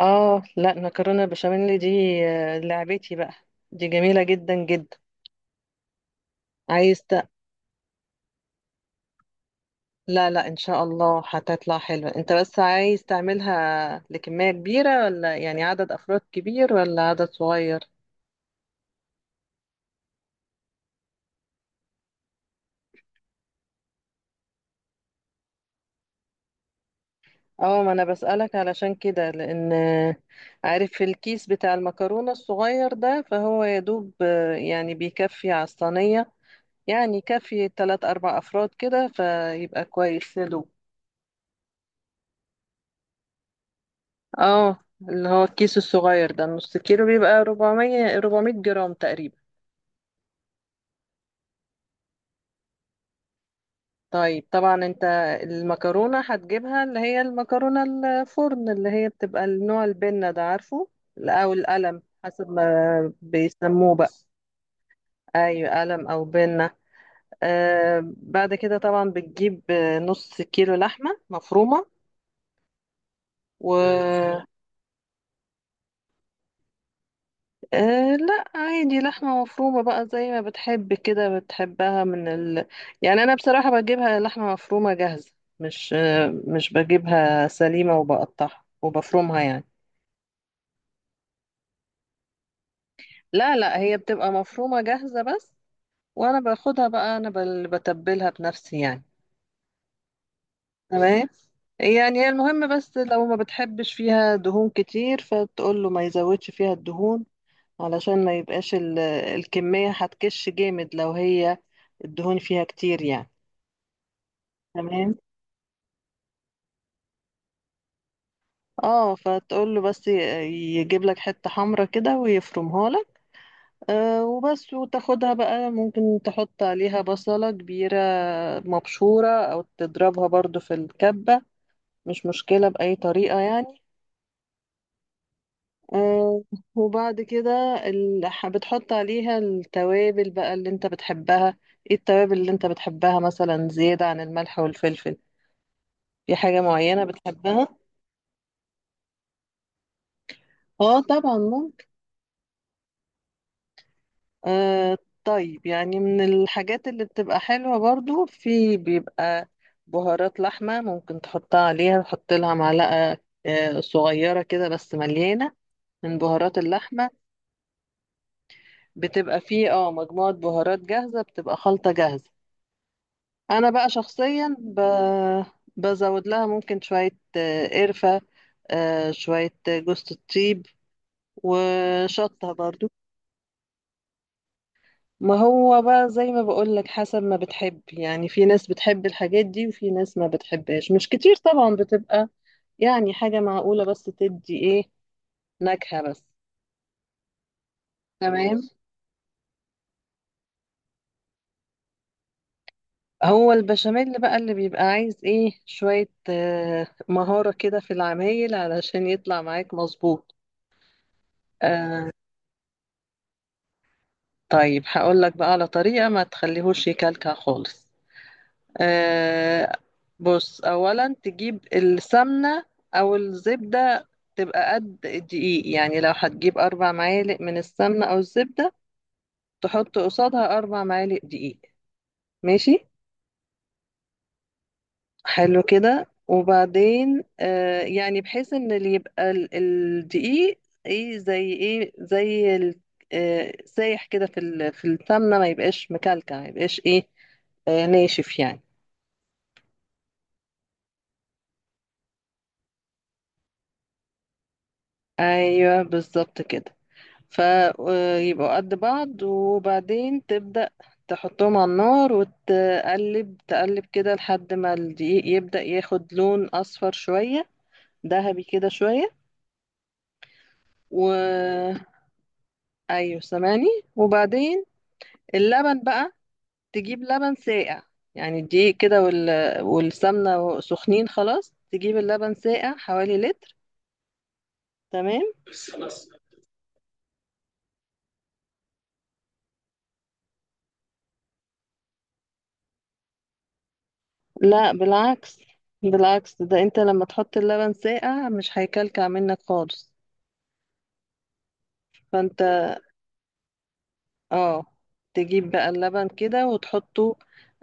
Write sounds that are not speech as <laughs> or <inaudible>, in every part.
اه، لا، مكرونه بشاميل دي. لعبتي بقى. دي جميله جدا جدا. عايز ت... لا لا، ان شاء الله هتطلع حلوه. انت بس عايز تعملها لكميه كبيره، ولا يعني عدد افراد كبير ولا عدد صغير؟ اه، ما انا بسألك علشان كده لان عارف الكيس بتاع المكرونة الصغير ده، فهو يا دوب يعني بيكفي على الصينية. يعني كافي تلات اربع افراد كده فيبقى كويس يا دوب. اه، اللي هو الكيس الصغير ده، النص كيلو بيبقى 400 جرام تقريبا. طيب طبعا انت، المكرونة هتجيبها اللي هي المكرونة الفرن، اللي هي بتبقى النوع البنة ده، عارفه؟ لا، او القلم حسب ما بيسموه بقى. ايوه قلم او بنة. بعد كده طبعا بتجيب نص كيلو لحمة مفرومة. و أه لا، عادي لحمة مفرومة بقى زي ما بتحب كده، بتحبها من يعني أنا بصراحة بجيبها لحمة مفرومة جاهزة. مش بجيبها سليمة وبقطعها وبفرمها يعني. لا لا، هي بتبقى مفرومة جاهزة بس. وأنا باخدها بقى، أنا بتبلها بنفسي يعني. تمام. يعني المهم بس لو ما بتحبش فيها دهون كتير فتقول له ما يزودش فيها الدهون، علشان ما يبقاش الكمية هتكش جامد لو هي الدهون فيها كتير يعني. تمام. اه، فتقول له بس يجيب لك حتة حمرا كده ويفرمها لك. وبس، وتاخدها بقى ممكن تحط عليها بصلة كبيرة مبشورة، او تضربها برضو في الكبة. مش مشكلة بأي طريقة يعني. آه وبعد كده بتحط عليها التوابل بقى اللي انت بتحبها. ايه التوابل اللي انت بتحبها مثلا زيادة عن الملح والفلفل؟ في حاجة معينة بتحبها؟ اه طبعا. آه. طيب يعني من الحاجات اللي بتبقى حلوة برضو، في بيبقى بهارات لحمة ممكن تحطها عليها، تحط لها معلقة صغيرة كده بس مليانة من بهارات اللحمة. بتبقى فيه مجموعة بهارات جاهزة، بتبقى خلطة جاهزة. أنا بقى شخصيا ب... بزود لها ممكن شوية قرفة، شوية جوز الطيب، وشطة برضو. ما هو بقى زي ما بقولك، حسب ما بتحب يعني. في ناس بتحب الحاجات دي وفي ناس ما بتحبهاش، مش كتير طبعا، بتبقى يعني حاجة معقولة بس تدي ايه، نكهة بس. تمام. هو البشاميل بقى اللي بيبقى عايز ايه، شوية مهارة كده في العمايل علشان يطلع معاك مظبوط. آه طيب هقولك بقى على طريقة ما تخليهوش يكلكع خالص. آه. بص، اولا تجيب السمنه او الزبده تبقى قد الدقيق. يعني لو هتجيب اربع معالق من السمنه او الزبده، تحط قصادها اربع معالق دقيق. ماشي. حلو كده. وبعدين يعني بحيث ان اللي يبقى الدقيق، ايه زي ايه زي ال- سايح كده في السمنه، ما يبقاش مكلكع، ما يبقاش ايه، ناشف يعني. ايوه بالظبط كده. فيبقوا قد بعض، وبعدين تبدأ تحطهم على النار وتقلب تقلب كده لحد ما الدقيق يبدأ ياخد لون أصفر شوية، ذهبي كده شوية. و أيوه سامعني. وبعدين اللبن بقى، تجيب لبن ساقع. يعني الدقيق كده والسمنة سخنين خلاص، تجيب اللبن ساقع حوالي لتر. تمام. لا بالعكس، بالعكس ده انت لما تحط اللبن ساقع مش هيكلكع منك خالص. فانت اه، تجيب بقى اللبن كده وتحطه،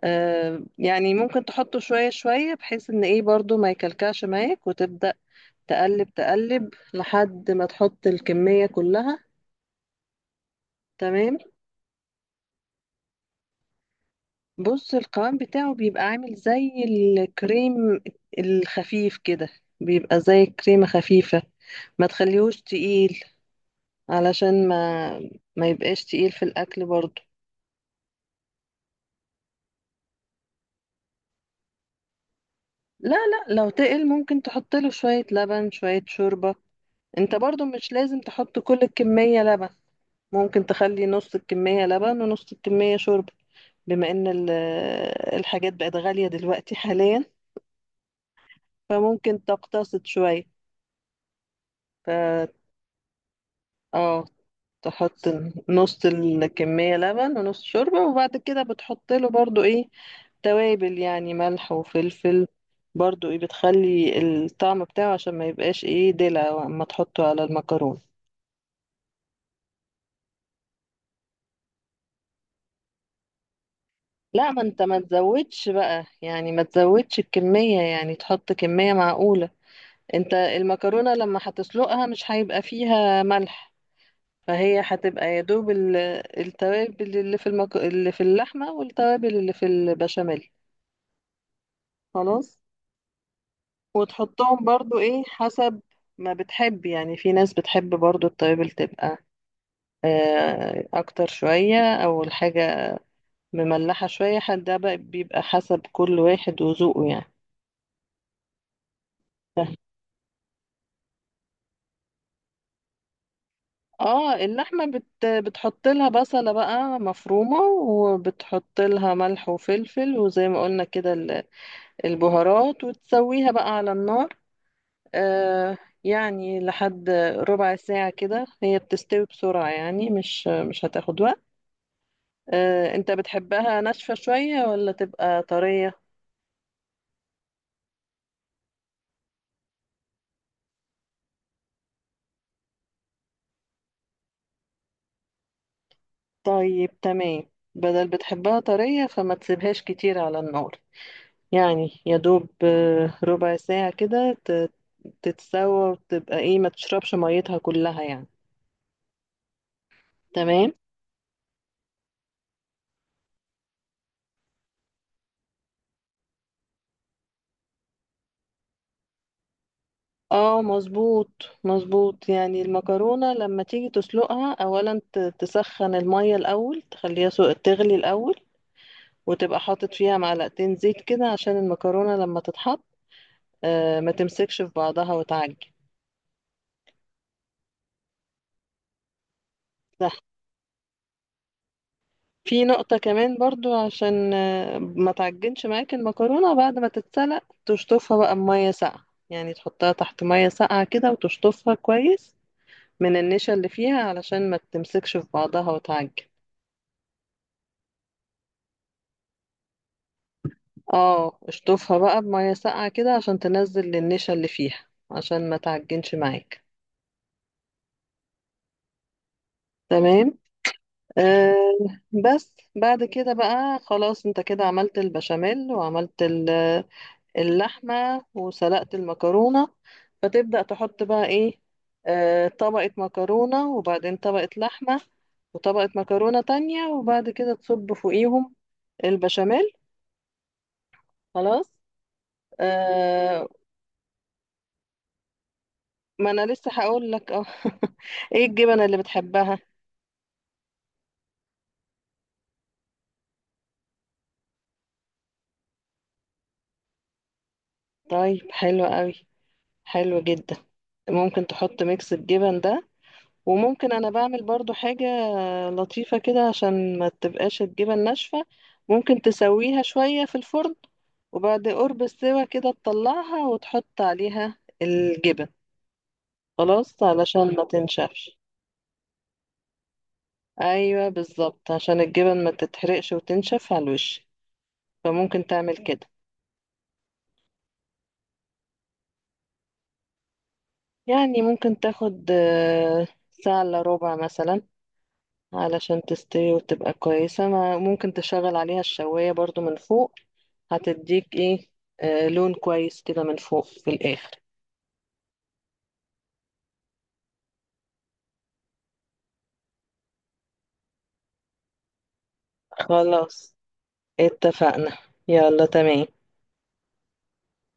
يعني ممكن تحطه شوية شوية بحيث ان ايه برضو ما يكلكعش معاك، وتبدأ تقلب تقلب لحد ما تحط الكمية كلها. تمام. بص القوام بتاعه بيبقى عامل زي الكريم الخفيف كده، بيبقى زي كريمة خفيفة. ما تخليهوش تقيل، علشان ما يبقاش تقيل في الأكل برضو. لا لا، لو تقل ممكن تحط له شوية لبن، شوية شوربة. انت برضو مش لازم تحط كل الكمية لبن، ممكن تخلي نص الكمية لبن ونص الكمية شوربة. بما ان الحاجات بقت غالية دلوقتي حاليا، فممكن تقتصد شوية. ف اه، تحط نص الكمية لبن ونص شوربة، وبعد كده بتحط له برضو ايه، توابل يعني، ملح وفلفل. برضو ايه، بتخلي الطعم بتاعه عشان ما يبقاش ايه دلع اما تحطه على المكرونة. لا، ما انت ما تزودش بقى يعني، ما تزودش الكمية، يعني تحط كمية معقولة. انت المكرونة لما هتسلقها مش هيبقى فيها ملح، فهي هتبقى يا دوب التوابل اللي اللي في اللحمة، والتوابل اللي في البشاميل. خلاص. وتحطهم برضو ايه حسب ما بتحب يعني. في ناس بتحب برضو التوابل تبقى اكتر شوية، او الحاجة مملحة شوية. حد ده بقى بيبقى حسب كل واحد وذوقه يعني. اه، اللحمة بتحط لها بصلة بقى مفرومة، وبتحط لها ملح وفلفل وزي ما قلنا كده البهارات، وتسويها بقى على النار. آه. يعني لحد ربع ساعة كده هي بتستوي بسرعة، يعني مش هتاخد وقت. انت بتحبها ناشفة شوية ولا تبقى طرية؟ طيب تمام، بدل بتحبها طرية فما تسيبهاش كتير على النار. يعني يا دوب ربع ساعة كده تتسوى، وتبقى ايه ما تشربش ميتها كلها يعني. تمام. اه مظبوط، مظبوط. يعني المكرونة لما تيجي تسلقها اولا تسخن المية الاول، تخليها تغلي الاول، وتبقى حاطط فيها معلقتين زيت كده، عشان المكرونة لما تتحط ما تمسكش في بعضها وتعجن. في نقطة كمان برضو، عشان ما تعجنش معاك المكرونة، بعد ما تتسلق تشطفها بقى بمية ساقعة، يعني تحطها تحت مية ساقعة كده وتشطفها كويس من النشا اللي فيها علشان ما تمسكش في بعضها وتعجن. اه، اشطفها بقى بمية ساقعة كده عشان تنزل النشا اللي فيها عشان ما تعجنش معاك. تمام. آه. بس بعد كده بقى خلاص، انت كده عملت البشاميل وعملت اللحمة وسلقت المكرونة، فتبدأ تحط بقى ايه، طبقة مكرونة وبعدين طبقة لحمة، وطبقة مكرونة تانية، وبعد كده تصب فوقيهم البشاميل. خلاص. آه. ما انا لسه هقول لك <laughs> ايه الجبنة اللي بتحبها؟ طيب حلو قوي، حلو جدا. ممكن تحط ميكس الجبن ده. وممكن انا بعمل برضو حاجة لطيفة كده عشان ما تبقاش الجبن ناشفة، ممكن تسويها شوية في الفرن، وبعد قرب السوا كده تطلعها وتحط عليها الجبن، خلاص علشان ما تنشفش. ايوه بالظبط عشان الجبن ما تتحرقش وتنشف على الوش، فممكن تعمل كده. يعني ممكن تاخد ساعة الا ربع مثلا علشان تستوي وتبقى كويسة. ممكن تشغل عليها الشواية برضو من فوق، هتديك ايه لون كويس كده من فوق في الآخر. خلاص اتفقنا. يلا تمام.